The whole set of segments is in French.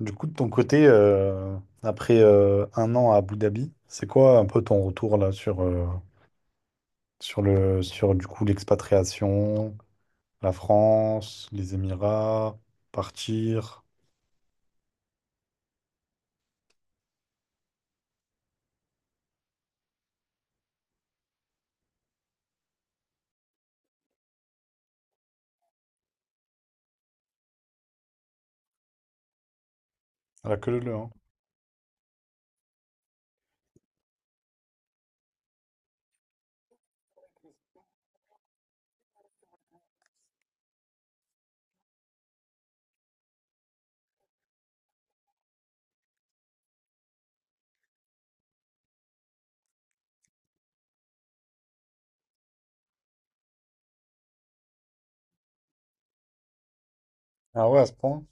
Du coup, de ton côté, après 1 an à Abu Dhabi, c'est quoi un peu ton retour là sur, sur le sur du coup l'expatriation, la France, les Émirats, partir, à la queue leu leu, hein. Ah ouais, à ce point?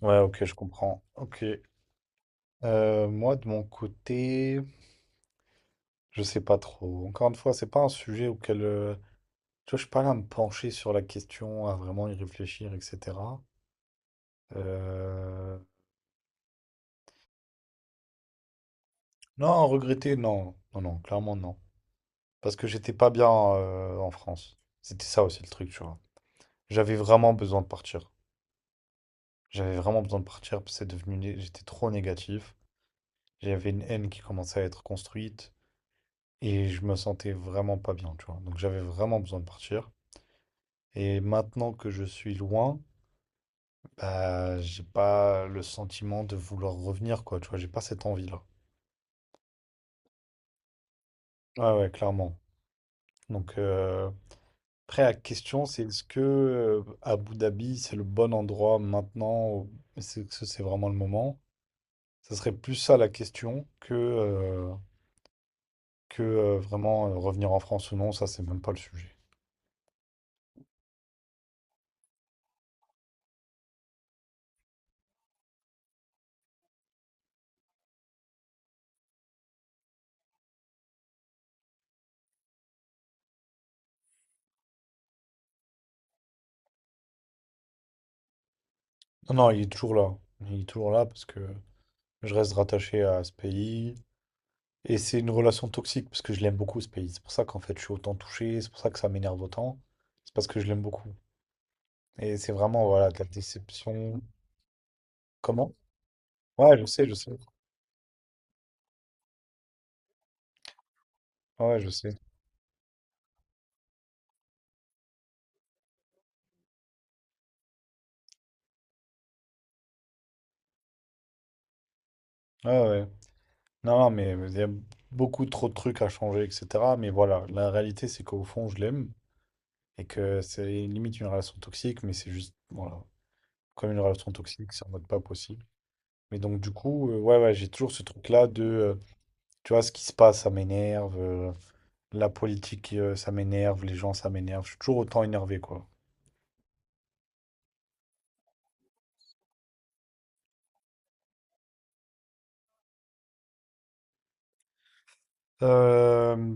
Ouais, ok, je comprends. Ok. Moi, de mon côté, je sais pas trop. Encore une fois, c'est pas un sujet auquel tu vois, je suis pas là à me pencher sur la question, à vraiment y réfléchir, etc. Euh, Non, regretter, non, non, non, clairement non. Parce que j'étais pas bien en France. C'était ça aussi le truc, tu vois. J'avais vraiment besoin de partir. J'avais vraiment besoin de partir parce que c'est J'étais trop négatif. J'avais une haine qui commençait à être construite et je me sentais vraiment pas bien, tu vois. Donc j'avais vraiment besoin de partir. Et maintenant que je suis loin, bah, j'ai pas le sentiment de vouloir revenir, quoi, tu vois. J'ai pas cette envie-là. Ouais, ouais, clairement. Donc, après, la question, c'est est-ce que Abu Dhabi, c'est le bon endroit maintenant? Ou est-ce que c'est vraiment le moment? Ça serait plus ça la question que vraiment revenir en France ou non. Ça, c'est même pas le sujet. Non, non, il est toujours là. Il est toujours là parce que je reste rattaché à ce pays. Et c'est une relation toxique parce que je l'aime beaucoup, ce pays. C'est pour ça qu'en fait, je suis autant touché. C'est pour ça que ça m'énerve autant. C'est parce que je l'aime beaucoup. Et c'est vraiment, voilà, de la déception. Comment? Ouais, je sais, je sais. Ouais, je sais. Ouais, ouais. Non, non, mais il y a beaucoup trop de trucs à changer, etc. Mais voilà, la réalité, c'est qu'au fond, je l'aime et que c'est limite une relation toxique, mais c'est juste, voilà, comme une relation toxique, c'est en mode pas possible. Mais donc, du coup, ouais, ouais, j'ai toujours ce truc-là de, tu vois, ce qui se passe, ça m'énerve, la politique, ça m'énerve, les gens, ça m'énerve. Je suis toujours autant énervé, quoi. Euh,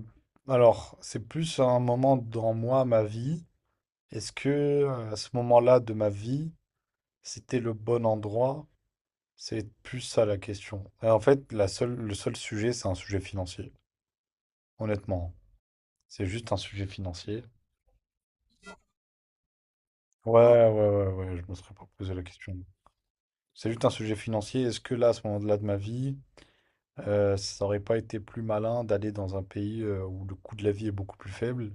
alors, c'est plus un moment dans moi, ma vie. Est-ce que, à ce moment-là de ma vie, c'était le bon endroit? C'est plus ça la question. Et en fait, le seul sujet, c'est un sujet financier. Honnêtement, c'est juste un sujet financier. Ouais, ouais, je me serais pas posé la question. C'est juste un sujet financier. Est-ce que là, à ce moment-là de ma vie, ça aurait pas été plus malin d'aller dans un pays où le coût de la vie est beaucoup plus faible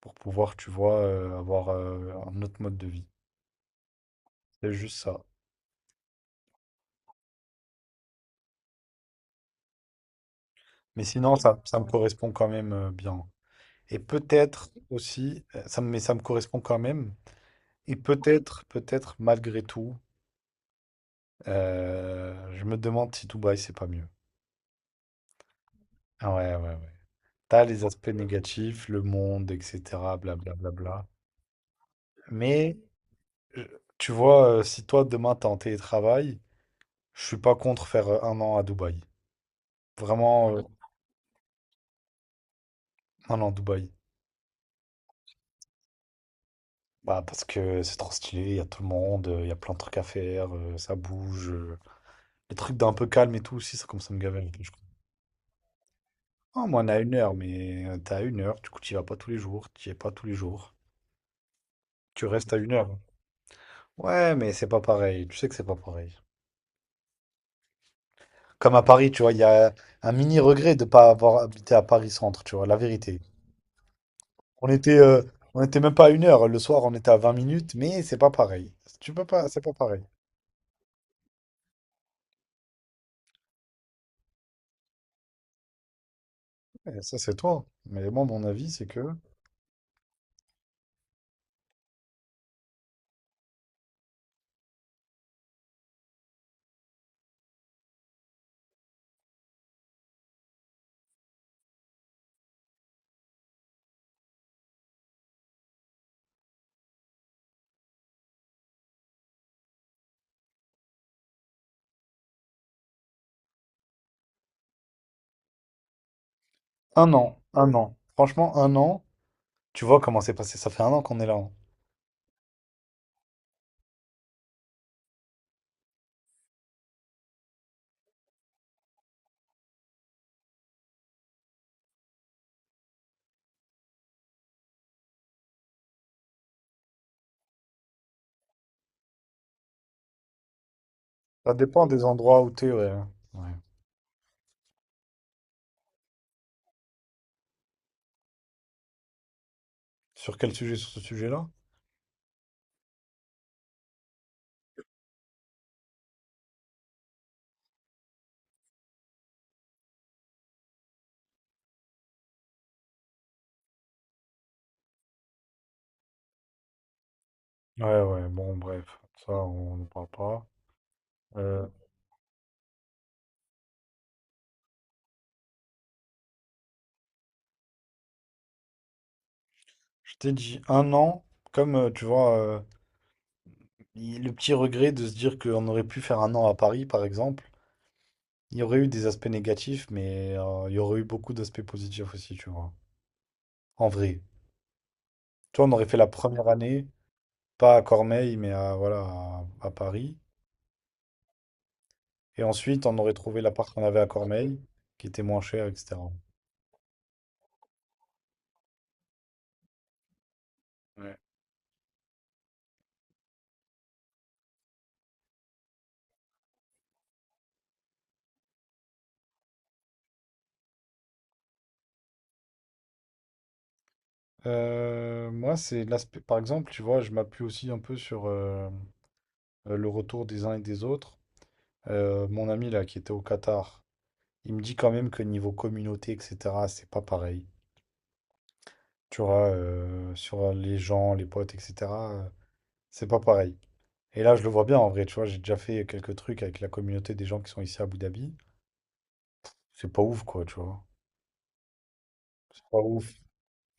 pour pouvoir, tu vois, avoir un autre mode de vie? C'est juste ça. Mais sinon, ça me correspond quand même bien. Et peut-être aussi, mais ça me correspond quand même. Et peut-être, peut-être, malgré tout, je me demande si Dubaï, c'est pas mieux. Ah ouais, ouais, ouais. T'as les aspects négatifs, le monde, etc., blablabla. Mais, tu vois, si toi, demain, t'es en télétravail, je suis pas contre faire 1 an à Dubaï. Vraiment, 1 an à Dubaï. Bah, parce que c'est trop stylé, il y a tout le monde, il y a plein de trucs à faire, ça bouge. Les trucs d'un peu calme et tout aussi, ça commence à me gaver. Un peu, je crois. Ah, moi, on a 1 heure, mais t'as 1 heure, du coup, t'y vas pas tous les jours, t'y es pas tous les jours. Tu restes à 1 heure. Ouais, mais c'est pas pareil. Tu sais que c'est pas pareil. Comme à Paris, tu vois, il y a un mini regret de pas avoir habité à Paris centre, tu vois, la vérité. On était, euh, on était même pas à 1 heure. Le soir, on était à 20 minutes, mais c'est pas pareil. Tu peux pas, c'est pas pareil. Et ça, c'est toi. Mais moi, mon avis, c'est que 1 an, 1 an. Franchement, 1 an. Tu vois comment c'est passé. Ça fait 1 an qu'on est là. Hein. Ça dépend des endroits où t'es. Ouais. Ouais. Sur quel sujet? Sur ce sujet-là? Ouais, ouais. Bon, bref. Ça, on ne parle pas. Euh, Je t'ai dit 1 an, comme tu vois, le petit regret de se dire qu'on aurait pu faire 1 an à Paris, par exemple, il y aurait eu des aspects négatifs, mais il y aurait eu beaucoup d'aspects positifs aussi, tu vois. En vrai. Toi, on aurait fait la première année, pas à Cormeilles, mais à, voilà, à Paris. Et ensuite, on aurait trouvé l'appart qu'on avait à Cormeilles, qui était moins cher, etc. Ouais. Moi, c'est l'aspect. Par exemple, tu vois, je m'appuie aussi un peu sur le retour des uns et des autres. Mon ami là, qui était au Qatar. Il me dit quand même que niveau communauté, etc., c'est pas pareil. Tu vois, sur les gens, les potes, etc., euh, c'est pas pareil. Et là, je le vois bien en vrai, tu vois, j'ai déjà fait quelques trucs avec la communauté des gens qui sont ici à Abu Dhabi. C'est pas ouf, quoi, tu vois. C'est pas ouf.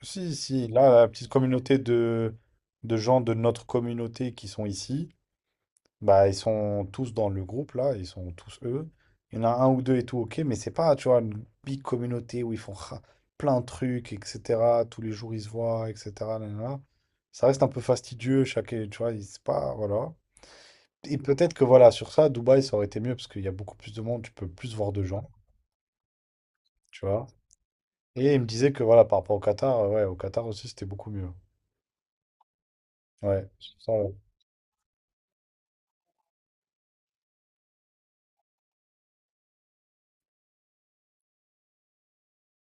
Si, si, là, la petite communauté de gens de notre communauté qui sont ici, bah, ils sont tous dans le groupe, là, ils sont tous eux. Il y en a un ou deux et tout, ok, mais c'est pas, tu vois, une big communauté où ils font plein de trucs, etc. Tous les jours, ils se voient, etc. Nanana. Ça reste un peu fastidieux, chaque, tu vois, il- c'est pas, voilà. Et peut-être que, voilà, sur ça, Dubaï, ça aurait été mieux, parce qu'il y a beaucoup plus de monde, tu peux plus voir de gens, tu vois. Et il me disait que, voilà, par rapport au Qatar, ouais, au Qatar aussi, c'était beaucoup mieux. Ouais, sur ça, ouais.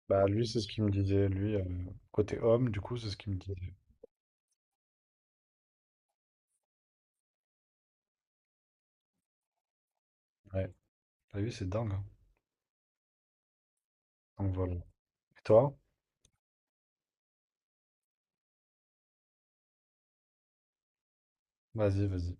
Bah, lui, c'est ce qu'il me disait, lui, côté homme, du coup, c'est ce qu'il me disait. Ouais, t'as vu, c'est dingue, hein. Donc voilà. Et toi? Vas-y, vas-y.